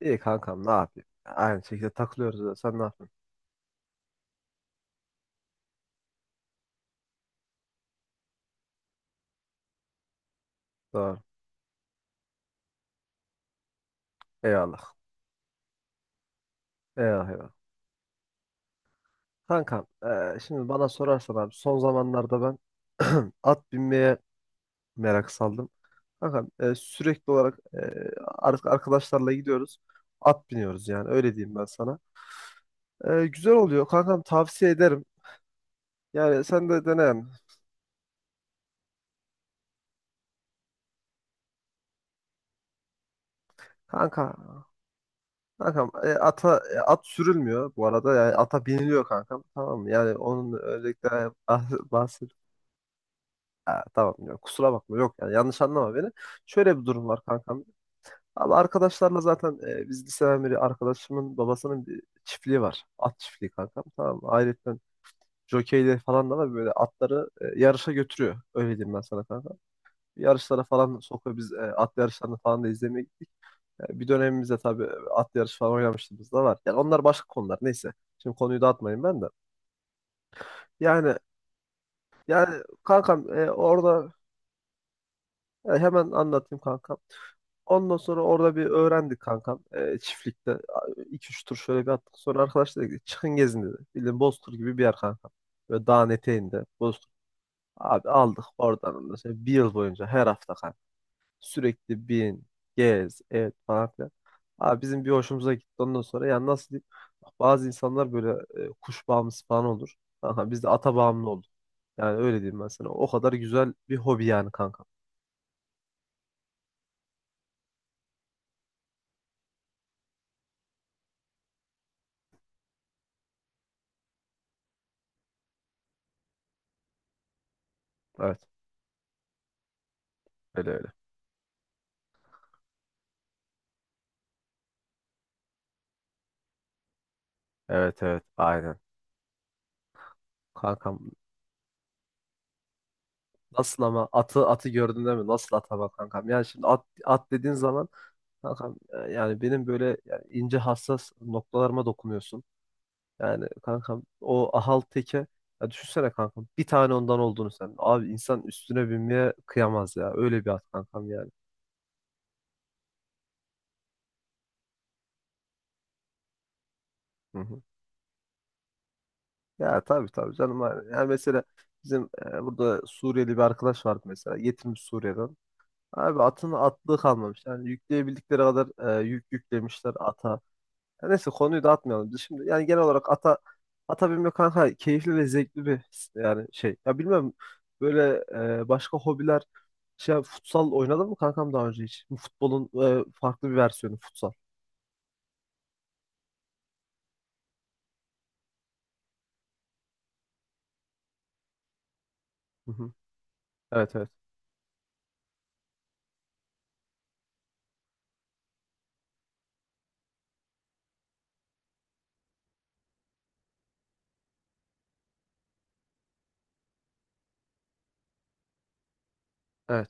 İyi kankam, ne yapayım? Aynı şekilde takılıyoruz da sen ne yapıyorsun? Doğru. Eyvallah. Eyvallah, eyvallah. Kankam şimdi bana sorarsan abi son zamanlarda ben at binmeye merak saldım. Kankam sürekli olarak arkadaşlarla gidiyoruz. At biniyoruz, yani öyle diyeyim ben sana. Güzel oluyor kankam, tavsiye ederim. Yani sen de dene yani. Kanka, kankam, ata at sürülmüyor bu arada, yani ata biniliyor kankam, tamam mı? Yani onun özellikle bahsediyorum. Ha, tamam, yok kusura bakma, yok yani yanlış anlama beni. Şöyle bir durum var kankam. Abi arkadaşlarla zaten biz liseden beri arkadaşımın babasının bir çiftliği var. At çiftliği kankam, tamam mı? Ayrıca jokeyleri falan da var, böyle atları yarışa götürüyor. Öyle diyeyim ben sana kanka. Yarışlara falan sokuyor, biz at yarışlarını falan da izlemeye gittik. Bir dönemimizde tabii at yarışı falan oynamışlığımız da var. Yani onlar başka konular, neyse. Şimdi konuyu dağıtmayayım ben de. Yani yani kankam orada. Ya hemen anlatayım kankam. Ondan sonra orada bir öğrendik kankam. Çiftlikte iki üç tur şöyle bir attık. Sonra arkadaşlar dedi ki çıkın gezin dedi. Bildiğin Bozkır gibi bir yer kankam. Böyle dağın eteğinde Bozkır. Abi aldık oradan, ondan sonra bir yıl boyunca her hafta kanka. Sürekli bin, gez, et falan filan. Abi bizim bir hoşumuza gitti ondan sonra. Yani nasıl diyeyim? Bak, bazı insanlar böyle kuş bağımlısı falan olur. Kanka biz de ata bağımlı olduk. Yani öyle diyeyim ben sana. O kadar güzel bir hobi yani kanka. Evet. Öyle öyle. Evet evet aynen. Kankam nasıl ama, atı gördün değil mi? Nasıl ata bak kankam. Yani şimdi at, at dediğin zaman kankam, yani benim böyle yani ince hassas noktalarıma dokunuyorsun. Yani kankam o ahal teke, ya düşünsene kankam bir tane ondan olduğunu sen. Abi insan üstüne binmeye kıyamaz ya. Öyle bir at kankam yani. Hı hı. Ya tabii tabii canım. Yani mesela bizim burada Suriyeli bir arkadaş vardı mesela. Getirmiş Suriye'den. Abi atın atlığı kalmamış. Yani yükleyebildikleri kadar yük yüklemişler ata. Ya neyse konuyu da atmayalım. Biz şimdi yani genel olarak ata binmek kanka keyifli ve zevkli bir, yani şey. Ya bilmem böyle başka hobiler, şey, futsal oynadın mı kankam daha önce hiç? Futbolun farklı bir versiyonu futsal. Hı hı. Evet evet. Evet.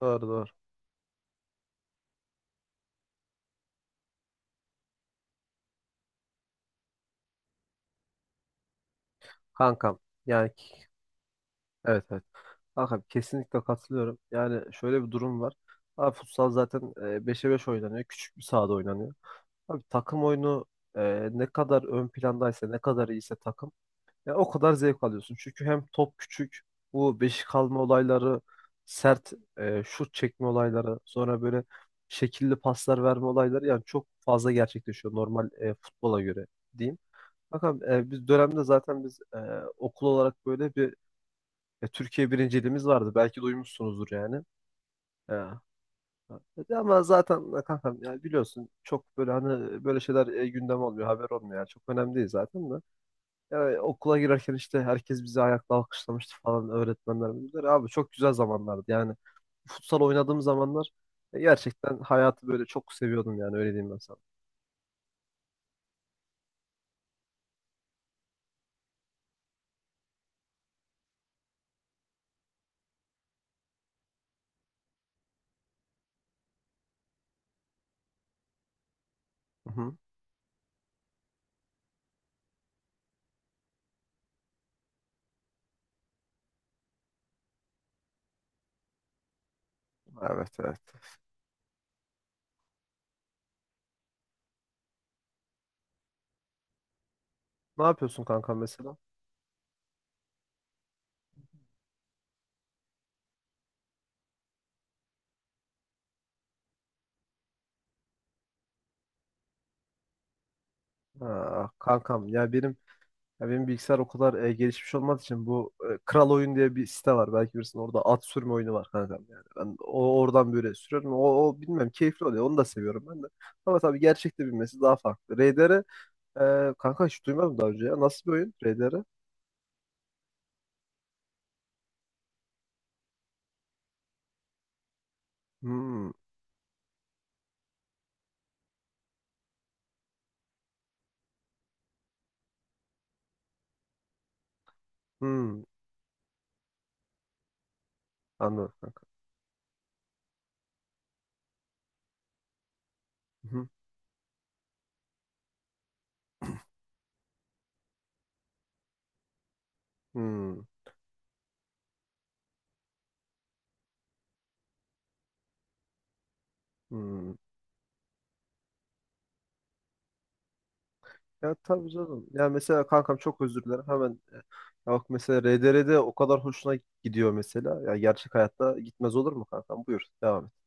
Doğru doğru. Kankam. Yani ki- evet evet. Kankam kesinlikle katılıyorum. Yani şöyle bir durum var. Abi futsal zaten 5'e 5 oynanıyor. Küçük bir sahada oynanıyor. Abi takım oyunu ne kadar ön plandaysa, ne kadar iyiyse takım, ya o kadar zevk alıyorsun. Çünkü hem top küçük, bu beşik alma olayları, sert şut çekme olayları, sonra böyle şekilli paslar verme olayları yani çok fazla gerçekleşiyor, normal futbola göre diyeyim. Bakalım, biz dönemde zaten biz okul olarak böyle bir Türkiye birinciliğimiz vardı. Belki duymuşsunuzdur yani. E, Ama zaten kankam yani biliyorsun çok böyle hani böyle şeyler gündem olmuyor, haber olmuyor. Yani çok önemli değil zaten de. Yani okula girerken işte herkes bizi ayakla alkışlamıştı falan, öğretmenlerimiz. Böyle, abi çok güzel zamanlardı yani. Futsal oynadığım zamanlar gerçekten hayatı böyle çok seviyordum, yani öyle diyeyim ben sana. Hı hı. Evet evet. Ne yapıyorsun kankam mesela? Ha, kankam, ya benim bilgisayar o kadar gelişmiş olmadığı için bu, Kral Oyun diye bir site var. Belki bilirsin, orada at sürme oyunu var kankam yani. Ben oradan böyle sürüyorum. O, o bilmem keyifli oluyor. Onu da seviyorum ben de. Ama tabii gerçekte bilmesi daha farklı. RDR kanka hiç duymadım daha önce ya. Nasıl bir oyun RDR? Hmm, hmm. Anladım kanka. Hı, Hmm, hmm. Ya tabii canım. Ya mesela kankam çok özür dilerim. Hemen ya bak mesela RDR'de o kadar hoşuna gidiyor mesela. Ya gerçek hayatta gitmez olur mu kankam? Buyur devam et.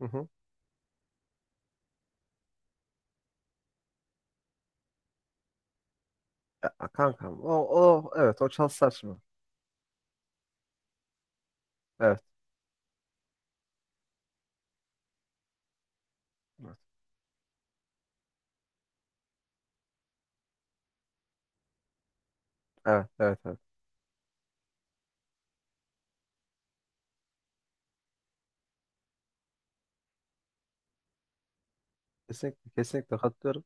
Hı hı. Ya kankam, o, o evet o çalsar saçma. Evet. Evet evet, evet, evet. Kesinlikle, kesinlikle katılıyorum.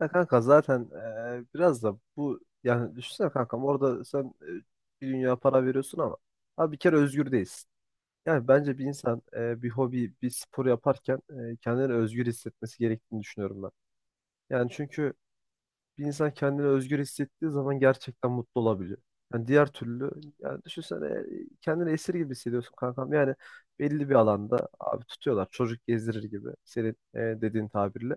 Ya kanka zaten biraz da bu, yani düşünsene kankam orada sen bir dünya para veriyorsun ama abi bir kere özgür değilsin. Yani bence bir insan bir hobi, bir spor yaparken kendini özgür hissetmesi gerektiğini düşünüyorum ben. Yani çünkü bir insan kendini özgür hissettiği zaman gerçekten mutlu olabiliyor. Yani diğer türlü yani düşünsene, kendini esir gibi hissediyorsun kankam. Yani belli bir alanda abi tutuyorlar, çocuk gezdirir gibi senin, dediğin tabirle.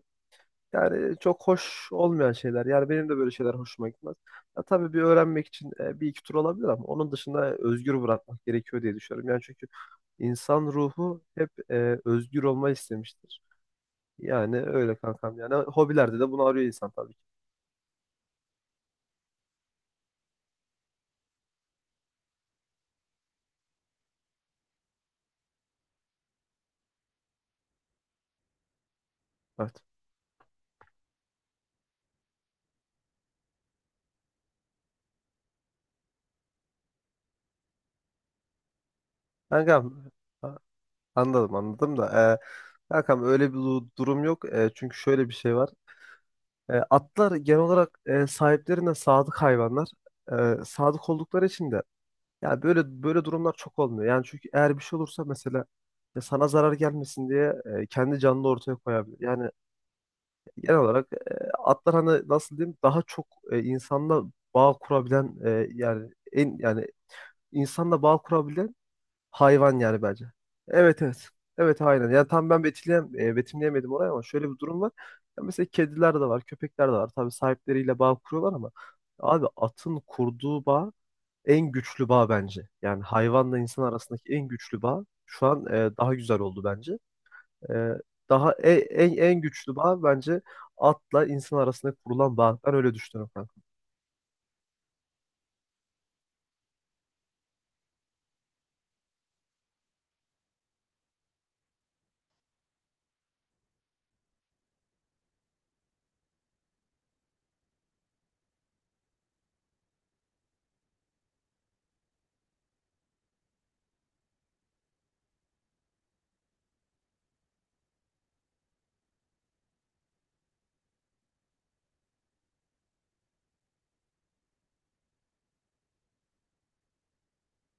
Yani çok hoş olmayan şeyler. Yani benim de böyle şeyler hoşuma gitmez. Ya tabii bir öğrenmek için bir iki tur olabilir ama onun dışında özgür bırakmak gerekiyor diye düşünüyorum. Yani çünkü insan ruhu hep özgür olmayı istemiştir. Yani öyle kankam. Yani hobilerde de bunu arıyor insan tabii ki. Evet. Kankam, a- anladım da kankam öyle bir durum yok. Çünkü şöyle bir şey var. Atlar genel olarak sahiplerine sadık hayvanlar. Sadık oldukları için de ya böyle durumlar çok olmuyor. Yani çünkü eğer bir şey olursa mesela ya sana zarar gelmesin diye kendi canını ortaya koyabilir. Yani genel olarak atlar hani nasıl diyeyim daha çok, insanla bağ kurabilen, e, yani en yani insanla bağ kurabilen hayvan yani bence. Evet evet. Evet aynen. Yani tam ben betimleyemedim orayı ama şöyle bir durum var. Ya mesela kediler de var, köpekler de var. Tabii sahipleriyle bağ kuruyorlar ama abi atın kurduğu bağ en güçlü bağ bence. Yani hayvanla insan arasındaki en güçlü bağ şu an daha güzel oldu bence. E, en güçlü bağ bence atla insan arasında kurulan bağ. Ben öyle düşünüyorum kankam.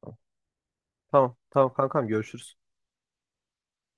Tamam. Tamam tamam kankam, görüşürüz.